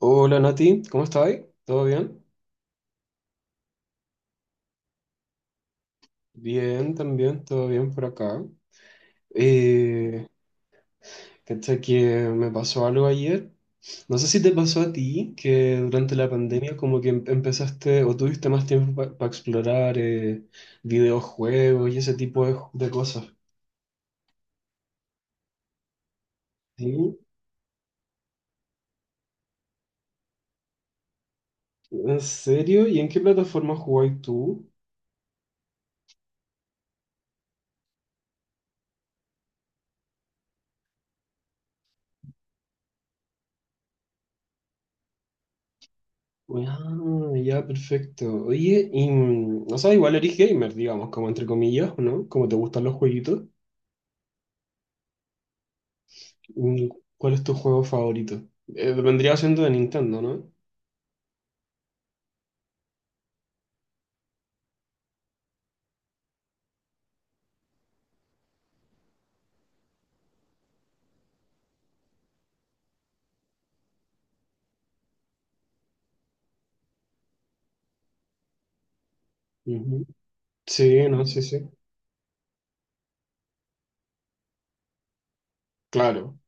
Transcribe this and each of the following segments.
Hola Nati, ¿cómo estáis? ¿Todo bien? Bien, también, todo bien por acá. Eh, Cacha que me pasó algo ayer. No sé si te pasó a ti que durante la pandemia como que empezaste o tuviste más tiempo para explorar videojuegos y ese tipo de cosas. ¿Sí? ¿En serio? ¿Y en qué plataforma jugáis tú? Ah, ya, perfecto. Oye, y, o sea, igual eres gamer, digamos, como entre comillas, ¿no? Como te gustan los jueguitos. Mm. ¿Cuál es tu juego favorito? Vendría siendo de Nintendo, ¿no? Ujú. Sí, no, sí, sí. Claro.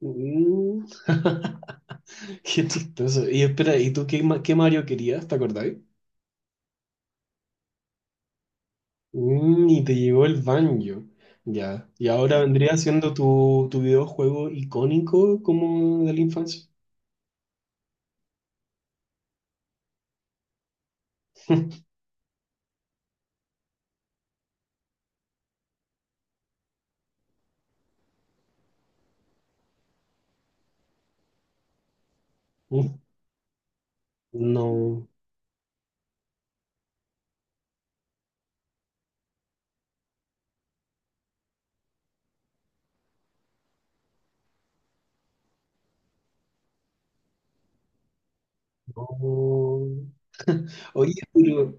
Mm. Qué chistoso. Y espera, ¿y tú qué, qué Mario querías? ¿Te acordáis? Mm, y te llegó el Banjo. Ya. Y ahora vendría siendo tu, tu videojuego icónico como de la infancia. Mm. No, no. Oye, pero,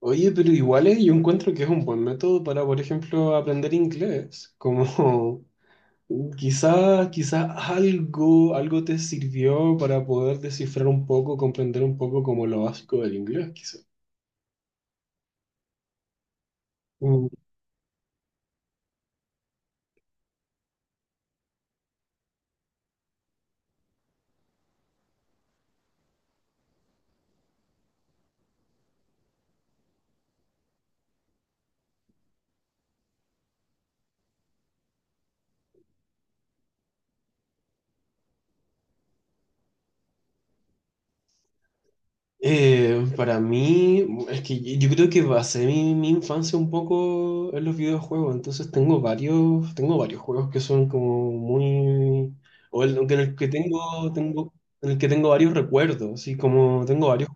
oye, pero igual yo encuentro que es un buen método para, por ejemplo, aprender inglés. Como quizás, quizás algo, algo te sirvió para poder descifrar un poco, comprender un poco como lo básico del inglés, quizás. Mm, para mí, es que yo creo que basé mi infancia un poco en los videojuegos, entonces tengo varios juegos que son como muy, o en el que tengo, tengo, en el que tengo varios recuerdos, así como tengo varios.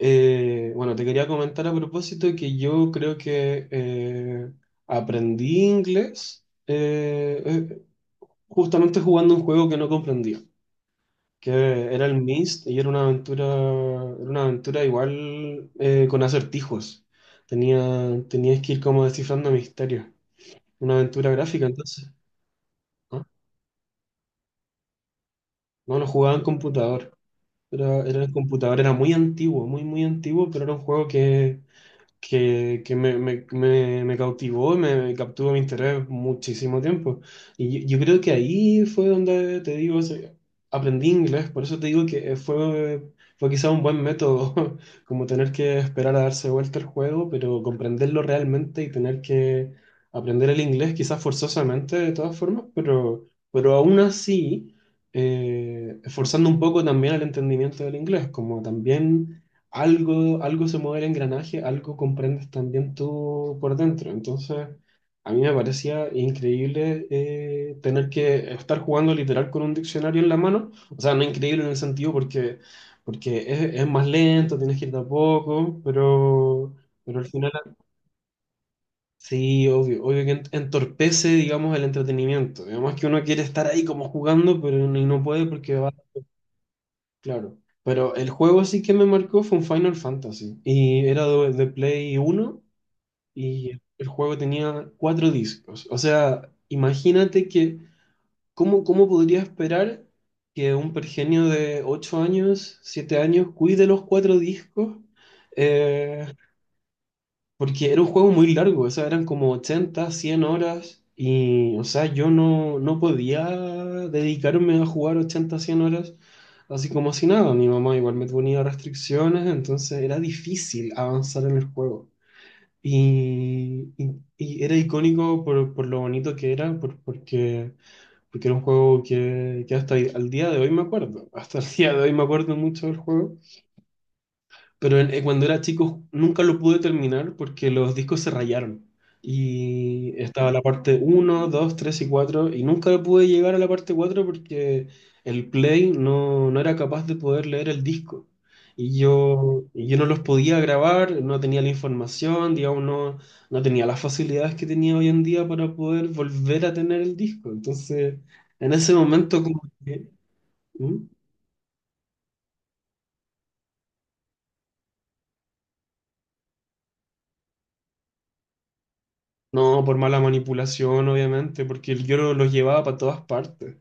Bueno, te quería comentar a propósito que yo creo que aprendí inglés, justamente jugando un juego que no comprendía, que era el Myst y era una aventura igual con acertijos. Tenías que ir como descifrando misterios. Una aventura gráfica, entonces. No, no lo jugaba en computador. Era en computador, era muy antiguo, muy, muy antiguo, pero era un juego que que me cautivó, y me capturó mi interés muchísimo tiempo. Y yo creo que ahí fue donde, te digo, aprendí inglés, por eso te digo que fue, fue quizá un buen método, como tener que esperar a darse vuelta el juego, pero comprenderlo realmente y tener que aprender el inglés, quizás forzosamente de todas formas, pero aún así, esforzando un poco también el entendimiento del inglés, como también algo, algo se mueve el engranaje, algo comprendes también tú por dentro. Entonces, a mí me parecía increíble tener que estar jugando literal con un diccionario en la mano. O sea, no increíble en el sentido porque, porque es más lento, tienes que ir de a poco, pero al final, sí, obvio, obvio que entorpece, digamos, el entretenimiento. Digamos que uno quiere estar ahí como jugando, pero no y no puede porque va. Claro, pero el juego sí que me marcó fue un Final Fantasy y era de Play Uno y el juego tenía cuatro discos. O sea, imagínate que, ¿cómo, cómo podría esperar que un pergenio de 8 años, 7 años, cuide los 4 discos? Eh, Porque era un juego muy largo, o sea, eran como 80 100 horas y, o sea, yo no podía dedicarme a jugar 80 100 horas así como si nada. Mi mamá igual me ponía restricciones, entonces era difícil avanzar en el juego. Y, y- y era icónico por lo bonito que era, porque, porque era un juego que hasta al día de hoy me acuerdo. Hasta el día de hoy me acuerdo mucho del juego. Pero cuando era chico nunca lo pude terminar porque los discos se rayaron. Y estaba la parte uno 2 3 y 4 y nunca pude llegar a la parte 4 porque el Play no, no era capaz de poder leer el disco. Y yo no los podía grabar, no tenía la información, digamos, no, no tenía las facilidades que tenía hoy en día para poder volver a tener el disco. Entonces, en ese momento como que... ¿Mm? No, por mala manipulación, obviamente, porque el Yoro los llevaba para todas partes.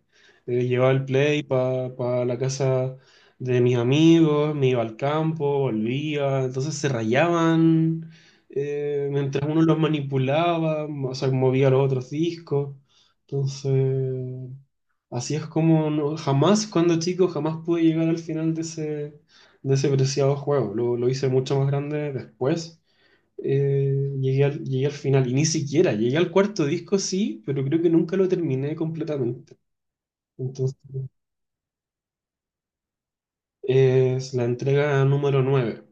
Llevaba el play para la casa de mis amigos, me iba al campo, volvía, entonces se rayaban mientras uno los manipulaba, o sea, movía los otros discos. Entonces, así es como jamás, cuando chico, jamás pude llegar al final de ese preciado juego. Lo hice mucho más grande después, llegué al final y ni siquiera, llegué al cuarto disco sí, pero creo que nunca lo terminé completamente. Entonces, es la entrega número 9,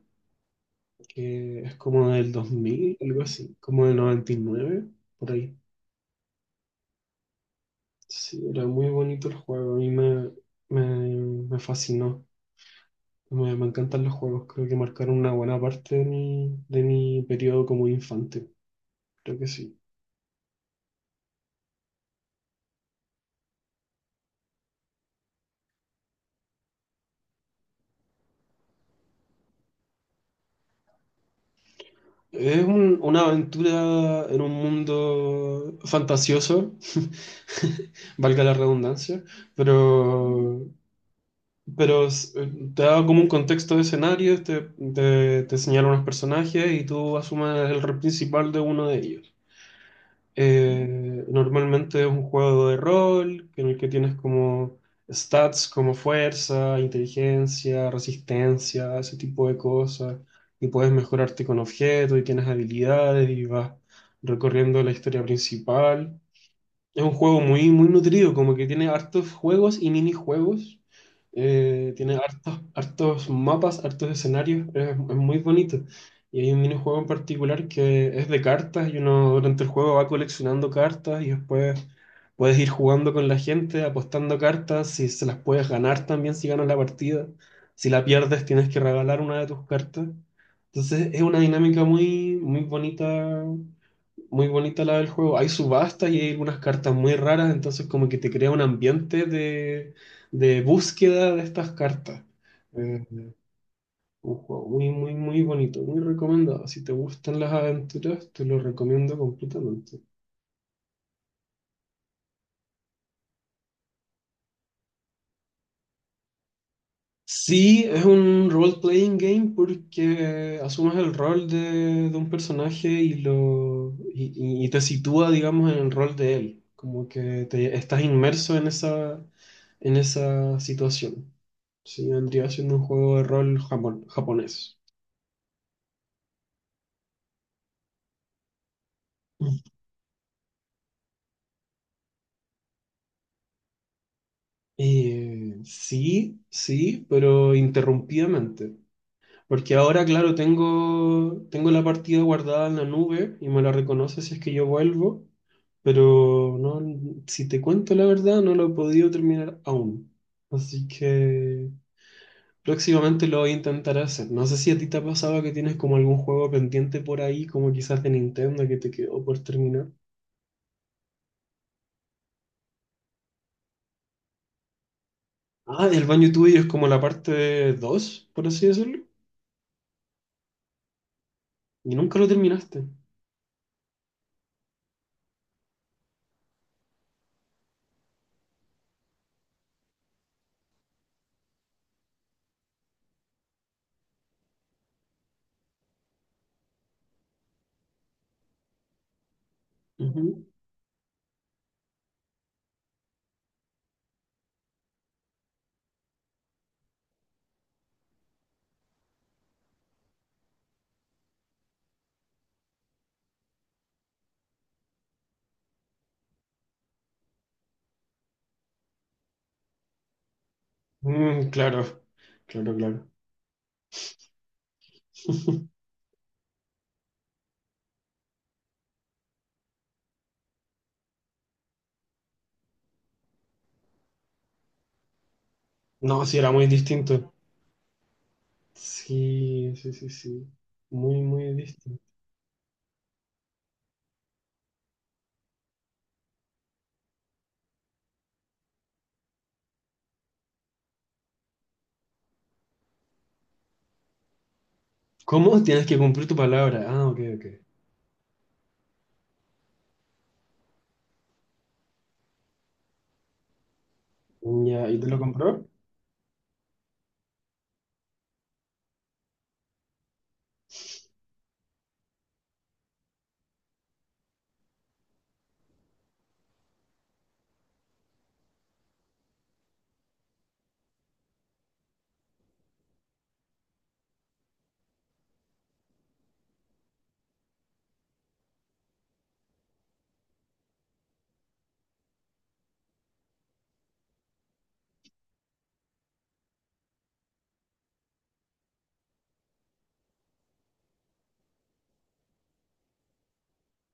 que es como del 2000, algo así, como del 99 por ahí. Sí, era muy bonito el juego, a mí me, me fascinó. Me encantan los juegos, creo que marcaron una buena parte de mi periodo como infante, creo que sí. Es una aventura en un mundo fantasioso, valga la redundancia, pero, pero te da como un contexto de escenario, te, te señala unos personajes y tú asumes el rol principal de uno de ellos. Normalmente es un juego de rol en el que tienes como stats como fuerza, inteligencia, resistencia, ese tipo de cosas, y puedes mejorarte con objetos y tienes habilidades y vas recorriendo la historia principal. Es un juego muy, muy nutrido, como que tiene hartos juegos y minijuegos. Tiene hartos, hartos mapas, hartos escenarios. Es muy bonito. Y hay un minijuego en particular que es de cartas y uno durante el juego va coleccionando cartas y después puedes ir jugando con la gente, apostando cartas, si se las puedes ganar también si ganas la partida. Si la pierdes tienes que regalar una de tus cartas. Entonces es una dinámica muy, muy bonita, muy bonita la del juego. Hay subastas y hay algunas cartas muy raras, entonces como que te crea un ambiente de búsqueda de estas cartas. Eh, un juego muy, muy, muy bonito, muy recomendado. Si te gustan las aventuras, te lo recomiendo completamente. Sí, es un role-playing game porque asumes el rol de un personaje y, y, y te sitúa, digamos, en el rol de él. Como que te, estás inmerso en esa situación. Sí, vendría siendo un juego de rol japonés. Sí, sí, pero interrumpidamente. Porque ahora, claro, tengo la partida guardada en la nube y me la reconoce si es que yo vuelvo, pero no, si te cuento la verdad, no lo he podido terminar aún. Así que próximamente lo voy a intentar hacer. No sé si a ti te ha pasado que tienes como algún juego pendiente por ahí, como quizás de Nintendo que te quedó por terminar. Ah, el baño tuyo es como la parte dos, por así decirlo, y nunca lo terminaste. Ujú. Claro, claro, claro. No, sí, era muy distinto. Sí, sí, sí, sí. Muy, muy distinto. ¿Cómo? Tienes que cumplir tu palabra. Ah, ok, ok. Mm, ya, ¿y te lo compró?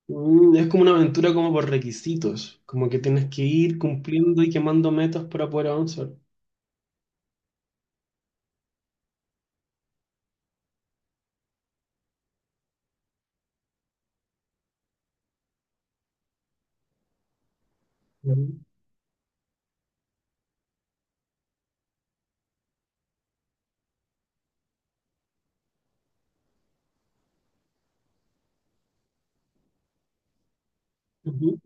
Es como una aventura como por requisitos. Como que tienes que ir cumpliendo y quemando metas para poder avanzar. Ujú, ujú.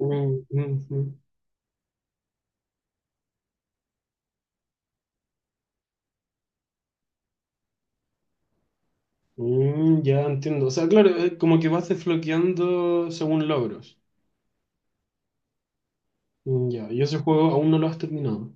Mm, mm, mm. Ya entiendo. O sea, claro, como que vas desbloqueando según logros. Ya, y ese juego aún no lo has terminado.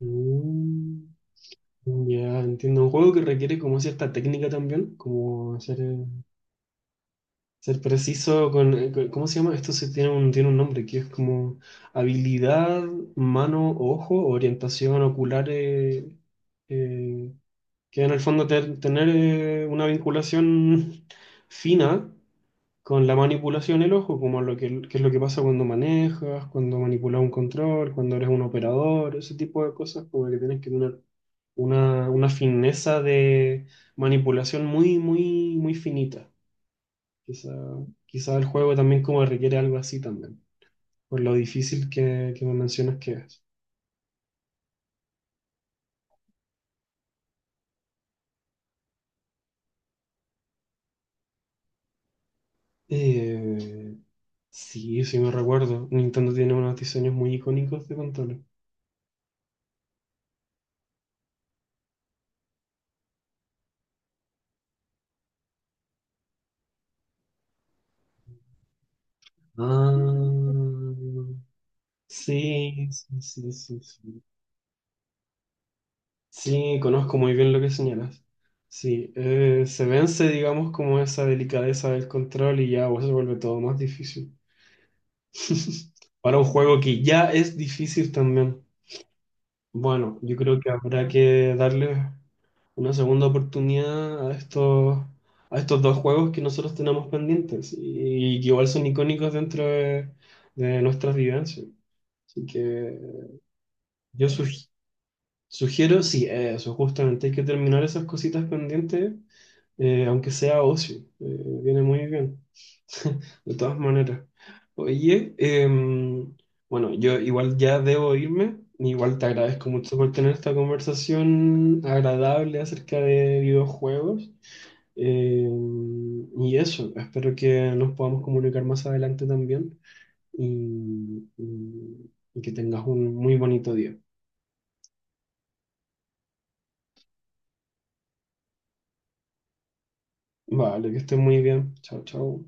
Mm, ya entiendo. Un juego que requiere como cierta técnica también, como hacer... Ser preciso con, ¿cómo se llama? Esto se tiene un nombre que es como habilidad, mano, ojo, orientación ocular, eh, que en el fondo tener una vinculación fina con la manipulación del ojo, como lo que es lo que pasa cuando manejas, cuando manipulas un control, cuando eres un operador, ese tipo de cosas, como que tienes que tener una fineza de manipulación muy, muy, muy finita. Quizá, quizá el juego también como requiere algo así también, por lo difícil que me mencionas que es. Eh, sí, sí me recuerdo. Nintendo tiene unos diseños muy icónicos de controles. Ah, sí, sí, sí, sí, sí. Sí, conozco muy bien lo que señalas. Sí, se vence, digamos, como esa delicadeza del control y ya pues, se vuelve todo más difícil. Para un juego que ya es difícil también. Bueno, yo creo que habrá que darle una segunda oportunidad a estos dos juegos que nosotros tenemos pendientes y que igual son icónicos dentro de nuestras vivencias. Así que yo sugiero, sí, eso, justamente hay que terminar esas cositas pendientes, aunque sea ocio, viene muy bien, de todas maneras. Oye, em, bueno, yo igual ya debo irme, igual te agradezco mucho por tener esta conversación agradable acerca de videojuegos. Y eso, espero que nos podamos comunicar más adelante también y, y y que tengas un muy bonito día. Vale, que estés muy bien. Chao, chao.